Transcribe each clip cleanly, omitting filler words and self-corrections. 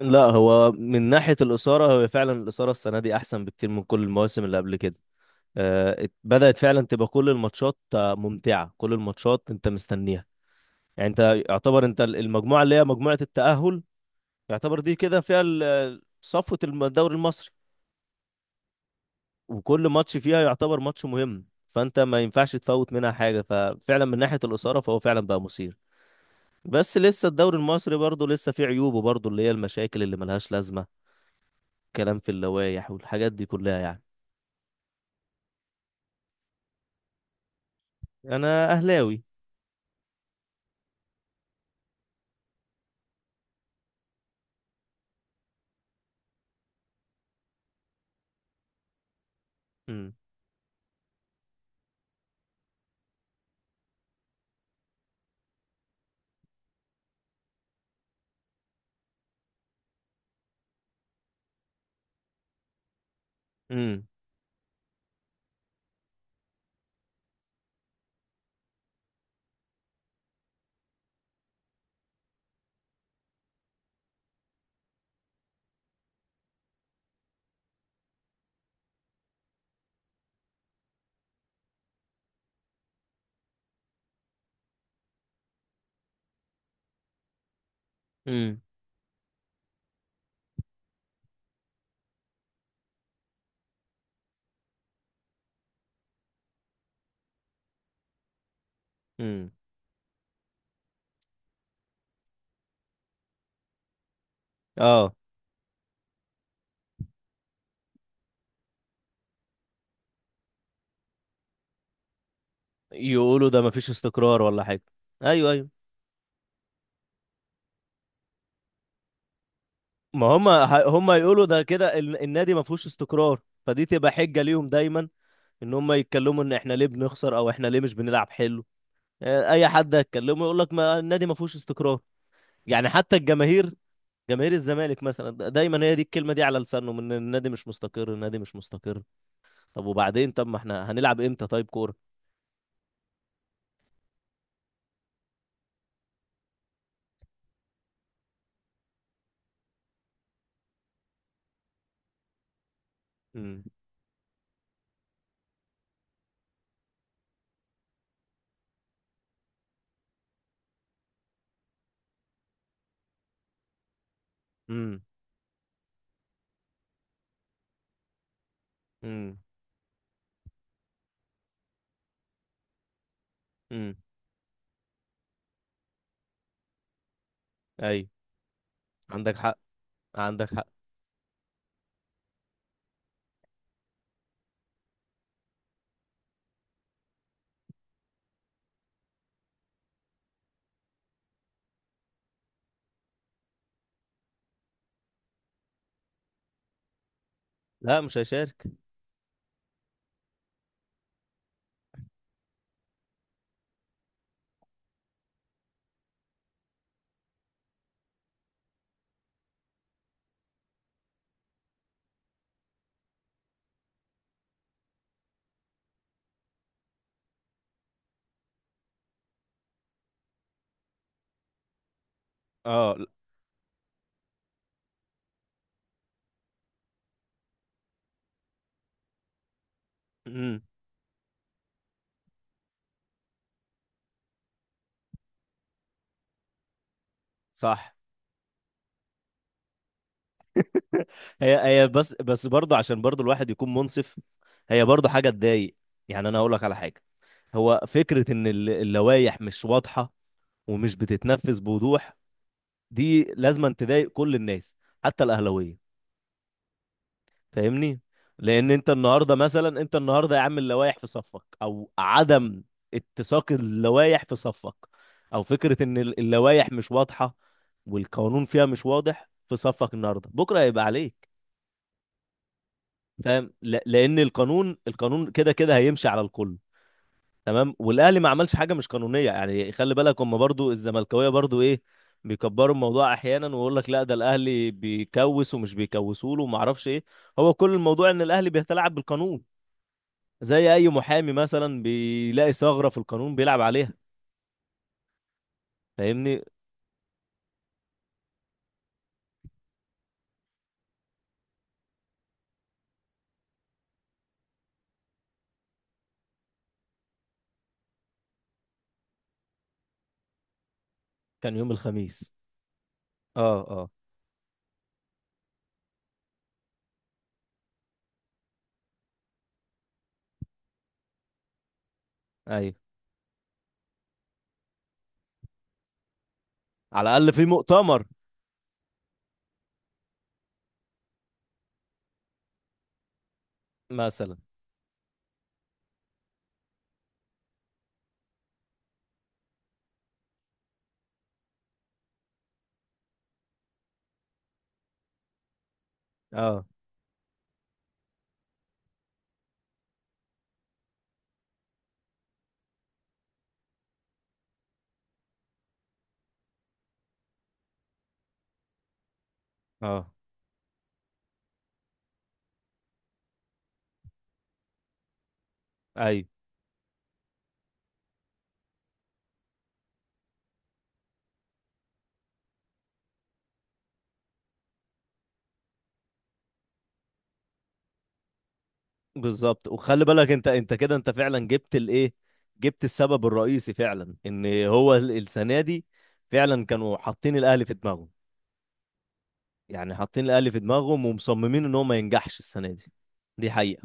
لا، هو من ناحية الإثارة هو فعلا الإثارة السنة دي أحسن بكتير من كل المواسم اللي قبل كده. بدأت فعلا تبقى كل الماتشات ممتعة. كل الماتشات أنت مستنيها. يعني أنت يعتبر أنت المجموعة اللي هي مجموعة التأهل، يعتبر دي كده فيها صفوة الدوري المصري، وكل ماتش فيها يعتبر ماتش مهم، فأنت ما ينفعش تفوت منها حاجة. ففعلا من ناحية الإثارة فهو فعلا بقى مثير. بس لسه الدوري المصري برضه لسه فيه عيوبه برضه، اللي هي المشاكل اللي ملهاش لازمة، كلام في اللوائح والحاجات دي كلها يعني. انا اهلاوي. امم امم امم امم اه، يقولوا ده مفيش استقرار ولا حاجه. ايوه، ايوه. ما هم، هم يقولوا ده كده النادي ما فيهوش استقرار، فدي تبقى حجه ليهم دايما، ان هم يتكلموا ان احنا ليه بنخسر او احنا ليه مش بنلعب حلو. اي حد هيتكلمه يقول لك ما النادي ما فيهوش استقرار. يعني حتى الجماهير، جماهير الزمالك مثلا دايما هي دي الكلمه دي على لسانهم، ان النادي مش مستقر، النادي مش مستقر. طب وبعدين، طب ما احنا هنلعب امتى طيب كوره؟ امم امم امم ايوه. عندك حق، عندك حق. لا مش هيشارك. اه، امم صح. هي هي، بس برضه عشان برضه الواحد يكون منصف، هي برضه حاجه تضايق. يعني انا هقول لك على حاجه، هو فكره ان اللوائح مش واضحه ومش بتتنفذ بوضوح، دي لازما تضايق كل الناس، حتى الاهلاويه، فاهمني؟ لان انت النهارده مثلا، انت النهارده يا عم اللوائح في صفك، او عدم اتساق اللوائح في صفك، او فكره ان اللوائح مش واضحه والقانون فيها مش واضح في صفك النهارده، بكره هيبقى عليك، فاهم؟ لان القانون كده كده هيمشي على الكل، تمام، والاهلي ما عملش حاجه مش قانونيه. يعني خلي بالك هم برضو، الزملكاويه برضو ايه، بيكبروا الموضوع احيانا ويقول لك لا ده الاهلي بيكوس ومش بيكوسوا له وما اعرفش ايه. هو كل الموضوع ان الاهلي بيتلاعب بالقانون، زي اي محامي مثلا بيلاقي ثغرة في القانون بيلعب عليها، فاهمني؟ كان يوم الخميس. اه، اه. ايوه. على الاقل في مؤتمر. مثلا. اه، اه. ايوه. بالظبط، وخلي بالك انت، انت كده انت فعلا جبت الايه، جبت السبب الرئيسي فعلا، ان هو السنه دي فعلا كانوا حاطين الاهلي في دماغهم. يعني حاطين الاهلي في دماغهم ومصممين ان هو ما ينجحش السنه دي، دي حقيقه.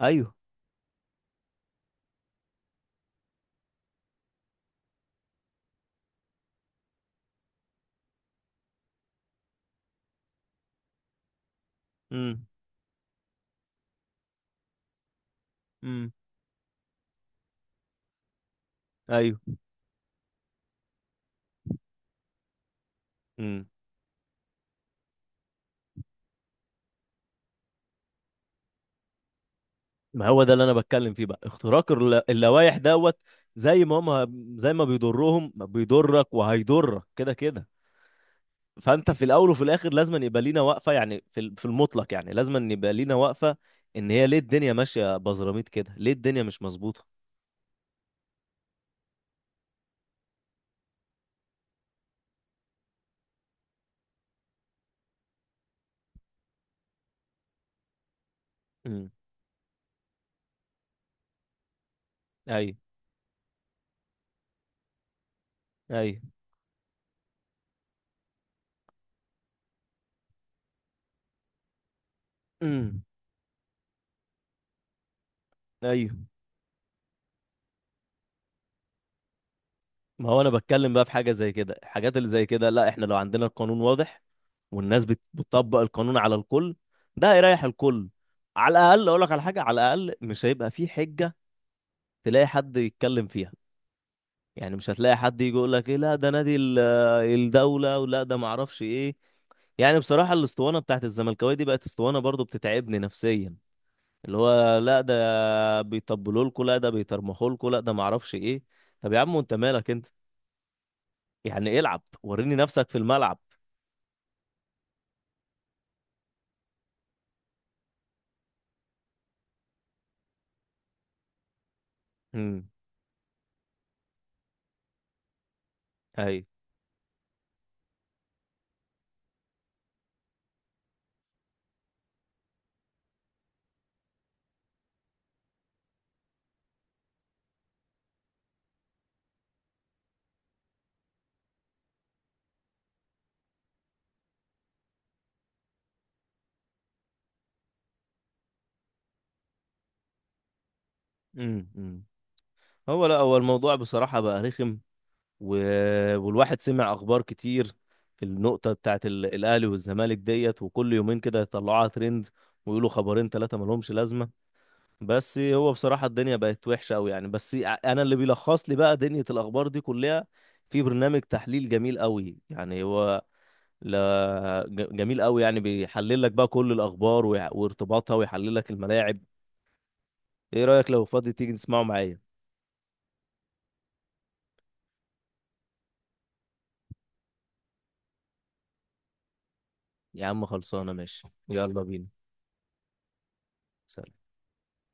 ايوه. امم امم ايوه. مم. ما هو ده اللي انا بتكلم فيه بقى، اختراق اللوائح دوت. زي ما هم، زي ما بيضرهم بيضرك وهيضرك كده كده، فانت في الاول وفي الاخر لازم يبقى لينا واقفه، يعني في في المطلق يعني لازم يبقى لينا واقفه، ان هي ليه الدنيا ماشيه بزراميط كده، ليه الدنيا مش مظبوطه؟ امم ايوه. ايوه. امم ايوه. ما هو انا بتكلم بقى في حاجه زي كده. الحاجات اللي زي كده، لا احنا لو عندنا القانون واضح والناس بتطبق القانون على الكل، ده هيريح الكل. على الاقل اقول لك على حاجه، على الاقل مش هيبقى في حجه تلاقي حد يتكلم فيها، يعني مش هتلاقي حد يجي يقول لك ايه، لا ده نادي الدوله، ولا ده معرفش ايه. يعني بصراحه الاسطوانه بتاعت الزملكاويه دي بقت اسطوانه برضو بتتعبني نفسيا، اللي هو لا ده بيطبلوا لكم، لا ده بيترمخوا لكم، لا ده معرفش ايه. طب يا عم انت مالك انت؟ يعني العب وريني نفسك في الملعب. امم اي. امم هو لا، هو الموضوع بصراحة بقى رخم، و... والواحد سمع أخبار كتير في النقطة بتاعت الأهلي والزمالك ديت، وكل يومين كده يطلعوها ترند ويقولوا خبرين ثلاثة ملهمش لازمة. بس هو بصراحة الدنيا بقت وحشة أوي يعني، بس أنا اللي بيلخص لي بقى دنيا الأخبار دي كلها في برنامج تحليل جميل أوي يعني. هو لا، جميل أوي يعني، بيحلل لك بقى كل الأخبار وارتباطها، ويحلل لك الملاعب. ايه رأيك لو فاضي تيجي نسمعه معايا؟ يا عم خلصانة، ماشي، يلا بينا. سلام.